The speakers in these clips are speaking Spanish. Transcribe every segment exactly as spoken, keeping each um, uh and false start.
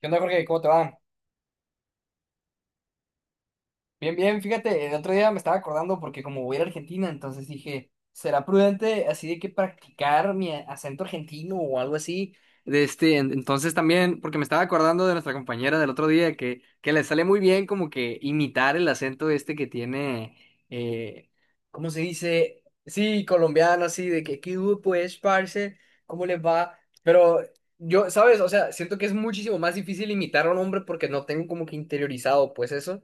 ¿Qué onda, Jorge? ¿Cómo te va? Bien, bien, fíjate, el otro día me estaba acordando porque como voy a ir a Argentina, entonces dije, ¿será prudente así de que practicar mi a- acento argentino o algo así? De este, en- entonces también, porque me estaba acordando de nuestra compañera del otro día que, que le sale muy bien como que imitar el acento este que tiene, eh, ¿cómo se dice? Sí, colombiano, así, de que, ¿qué hubo pues, parce? ¿Cómo les va? Pero yo, ¿sabes? O sea, siento que es muchísimo más difícil imitar a un hombre porque no tengo como que interiorizado pues eso.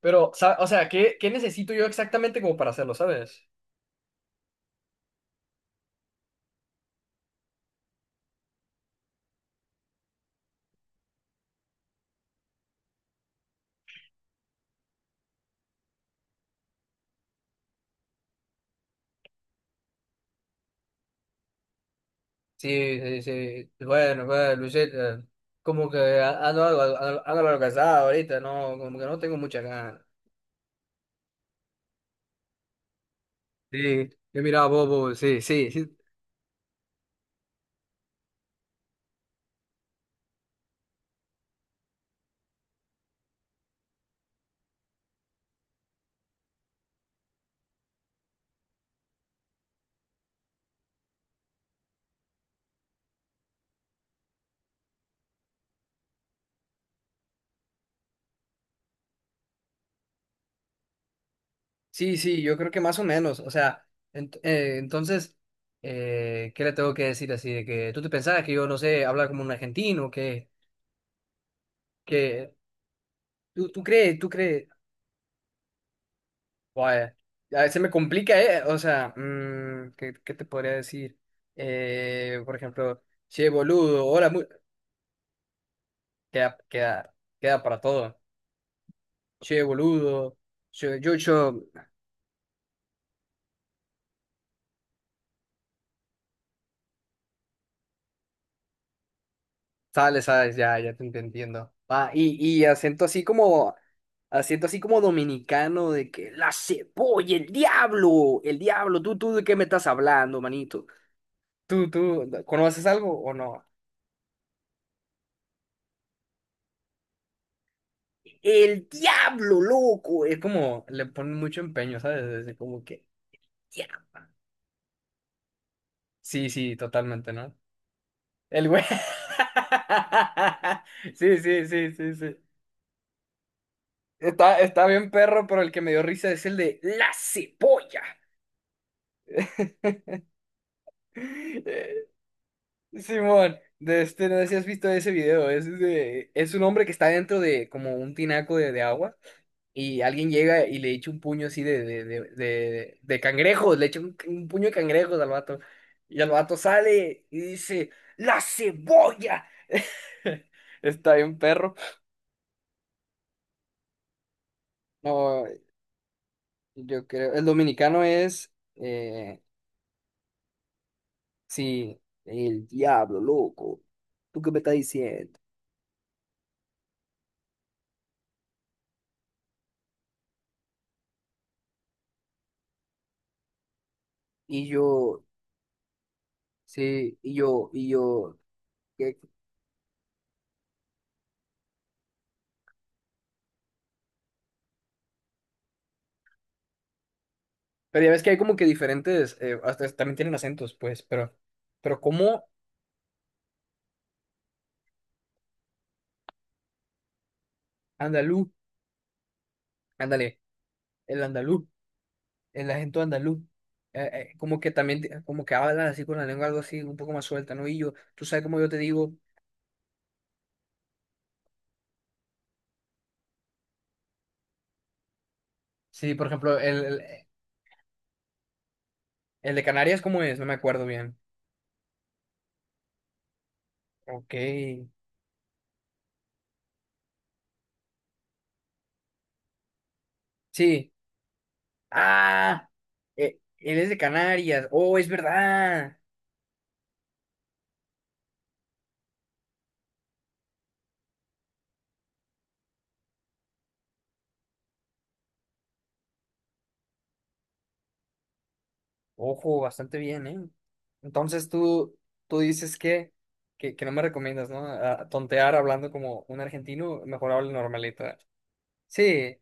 Pero, sa- o sea, ¿qué, qué necesito yo exactamente como para hacerlo? ¿Sabes? Sí, sí, sí. Bueno, pues, Luisita, como que ando algo, ando, ando algo cansado ahorita, no, como que no tengo mucha ganas. Sí, yo miraba Bobo, sí, sí, sí, sí, sí, yo creo que más o menos, o sea, ent- eh, entonces, eh, ¿qué le tengo que decir así? De que tú te pensabas que yo, no sé, hablar como un argentino, que, que, tú, tú crees, tú crees. Vaya, a veces me complica, ¿eh? O sea, mm, ¿qué, qué te podría decir? Eh, por ejemplo, che boludo, hola, mu- queda, queda, queda para todo. Che boludo, yo, yo, yo, sale, sabes, ya, ya te, te entiendo. Ah, y, y acento así como, acento así como dominicano de que la cebolla, el diablo, el diablo, tú, tú, ¿de qué me estás hablando, manito? ¿Tú, tú, conoces algo o no? El diablo, loco. Es como, le ponen mucho empeño, ¿sabes? Es como que, diablo. Sí, sí, totalmente, ¿no? El güey. Sí, sí, sí, sí, sí. Está, está bien perro, pero el que me dio risa es el de la cebolla. Eh, Simón, de este, no sé si has visto ese video. Es, de, es un hombre que está dentro de como un tinaco de, de agua, y alguien llega y le echa un puño así de, de, de, de, de cangrejos, le echa un, un puño de cangrejos al vato. Y al vato sale y dice, ¡la cebolla! Está bien, perro. No, yo creo, el dominicano es, eh, sí, el diablo, loco. ¿Tú qué me estás diciendo? Y yo, sí, y yo, y yo. ¿Qué? Pero ya ves que hay como que diferentes, eh, hasta también tienen acentos, pues, pero, pero como andaluz, ándale. El andaluz, el acento andaluz. Eh, eh, como que también, te- como que hablan así con la lengua, algo así, un poco más suelta, ¿no? Y yo, tú sabes cómo yo te digo, sí, por ejemplo, el, el, el de Canarias, ¿cómo es? No me acuerdo bien. Ok. Sí. Ah, eh, él es de Canarias. Oh, es verdad. Ojo, bastante bien, ¿eh? Entonces tú, tú dices que, que, que no me recomiendas, ¿no? A- tontear hablando como un argentino, mejor hablo normalito. Sí,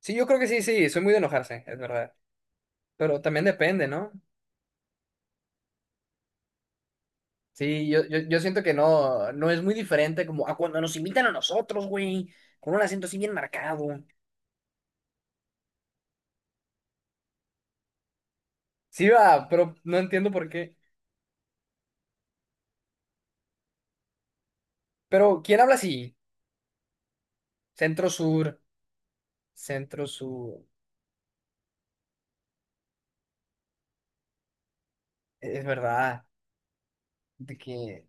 sí, yo creo que sí, sí, soy muy de enojarse, es verdad. Pero también depende, ¿no? Sí, yo, yo, yo siento que no, no es muy diferente como a cuando nos invitan a nosotros, güey, con un acento así bien marcado. Sí, va, pero no entiendo por qué. Pero, ¿quién habla así? Centro Sur, Centro Sur. Es verdad, de que...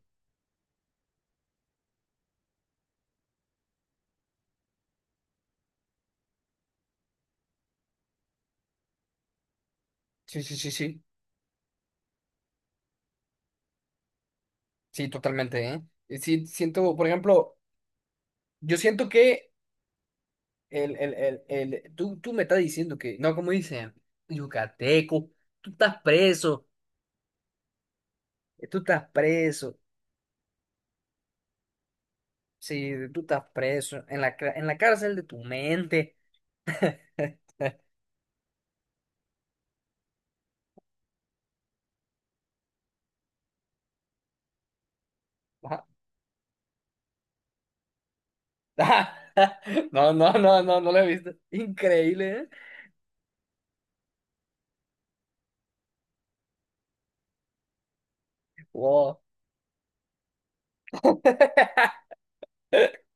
Sí, sí, sí, sí. Sí, totalmente, ¿eh? Y sí, siento, por ejemplo, yo siento que el, el, el, el, tú, tú me estás diciendo que, no, como dicen, yucateco, tú estás preso, tú estás preso. Si tú estás preso en la, cra- en la cárcel de tu mente. Ajá. No, no, no, no, no lo he visto. Increíble, ¿eh? Wow.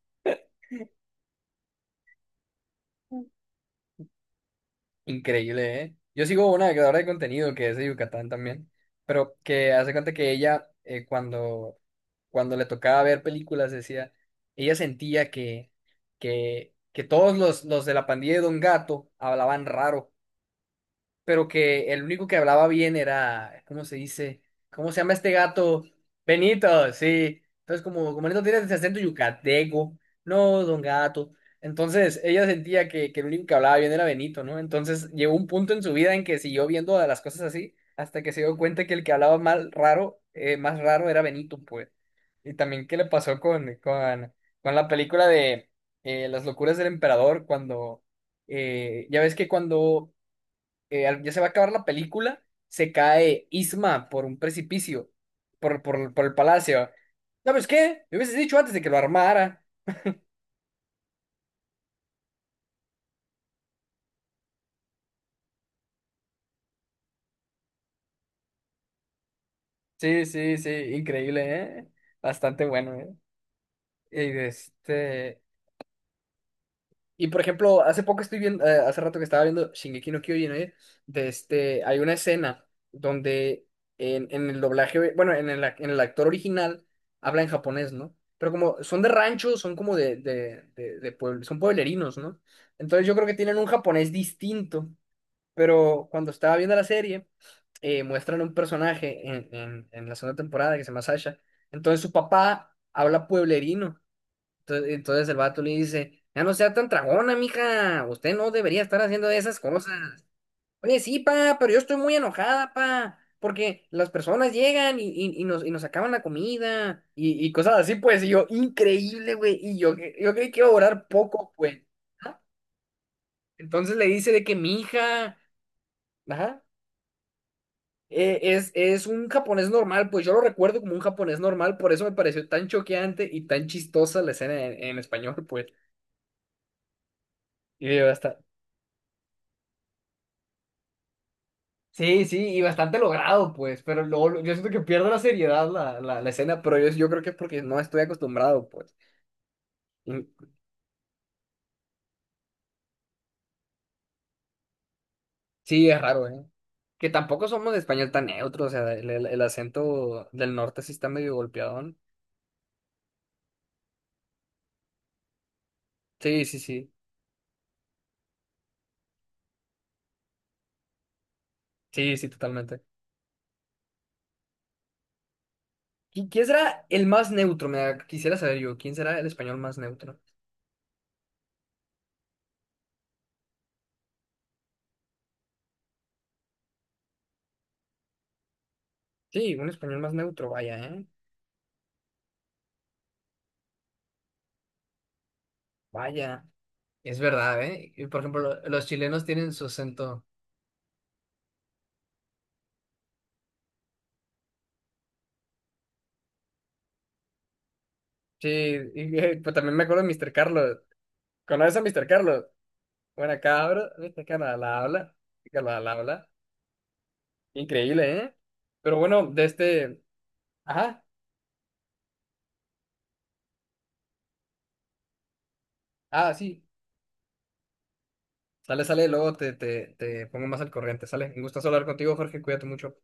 Increíble, ¿eh? Yo sigo una creadora de contenido que es de Yucatán también, pero que hace cuenta que ella, eh, cuando, cuando le tocaba ver películas, decía, ella sentía que, que, que todos los, los de la pandilla de Don Gato hablaban raro. Pero que el único que hablaba bien era, ¿cómo se dice? ¿Cómo se llama este gato? Benito, sí. Entonces, como, como Benito tiene ese acento yucateco, no, Don Gato. Entonces, ella sentía que, que el único que hablaba bien era Benito, ¿no? Entonces, llegó un punto en su vida en que siguió viendo a las cosas así, hasta que se dio cuenta que el que hablaba mal, raro, eh, más raro era Benito, pues. Y también qué le pasó con, con, con la película de eh, Las locuras del emperador, cuando... Eh, ya ves que cuando eh, ya se va a acabar la película, se cae Isma por un precipicio, por, por, por el palacio, no. ¿Sabes qué? Me hubieses dicho antes de que lo armara. Sí, sí, sí, increíble, ¿eh? Bastante bueno, ¿eh? Y este... Y por ejemplo, hace poco estoy viendo, eh, hace rato que estaba viendo Shingeki no Kyojin, ¿eh? De este, hay una escena donde en, en el doblaje, bueno, en el, ac- en el actor original habla en japonés, ¿no? Pero como son de rancho, son como de, de, de, de puebl- son pueblerinos, ¿no? Entonces yo creo que tienen un japonés distinto, pero cuando estaba viendo la serie, eh, muestran un personaje en, en, en la segunda temporada que se llama Sasha. Entonces su papá habla pueblerino. Entonces, entonces el vato le dice, ya no sea tan tragona, mija, usted no debería estar haciendo esas cosas. Oye, sí, pa, pero yo estoy muy enojada, pa, porque las personas llegan y, y- y nos, y nos acaban la comida y, y cosas así, pues, y yo, increíble, güey, y yo, cre- yo creí que iba a durar poco, güey. Ajá. Entonces le dice de que mi hija, ajá, eh, es, es un japonés normal, pues yo lo recuerdo como un japonés normal, por eso me pareció tan choqueante y tan chistosa la escena en en español, pues. Y yo, hasta, sí, sí, y bastante logrado, pues, pero luego lo- yo siento que pierdo la seriedad la, la, la escena, pero yo, yo creo que es porque no estoy acostumbrado, pues. Y sí, es raro, ¿eh? Que tampoco somos de español tan neutro, o sea, el, el- el acento del norte sí está medio golpeadón. Sí, sí, sí, sí, sí, totalmente. ¿Qui- ¿Quién será el más neutro? Me da- quisiera saber yo, ¿quién será el español más neutro? Sí, un español más neutro, vaya, ¿eh? Vaya, es verdad, ¿eh? Y, por ejemplo, lo- los chilenos tienen su acento. Sí, y, eh, pues también me acuerdo de mister Carlos. ¿Conoces a mister Carlos? Buena cabra, mister Carlos la habla. Carlos la habla. Increíble, ¿eh? Pero bueno, de este. Ajá. Ah, sí. Sale, sale, luego te, te, te pongo más al corriente. Sale. Me gusta hablar contigo, Jorge. Cuídate mucho.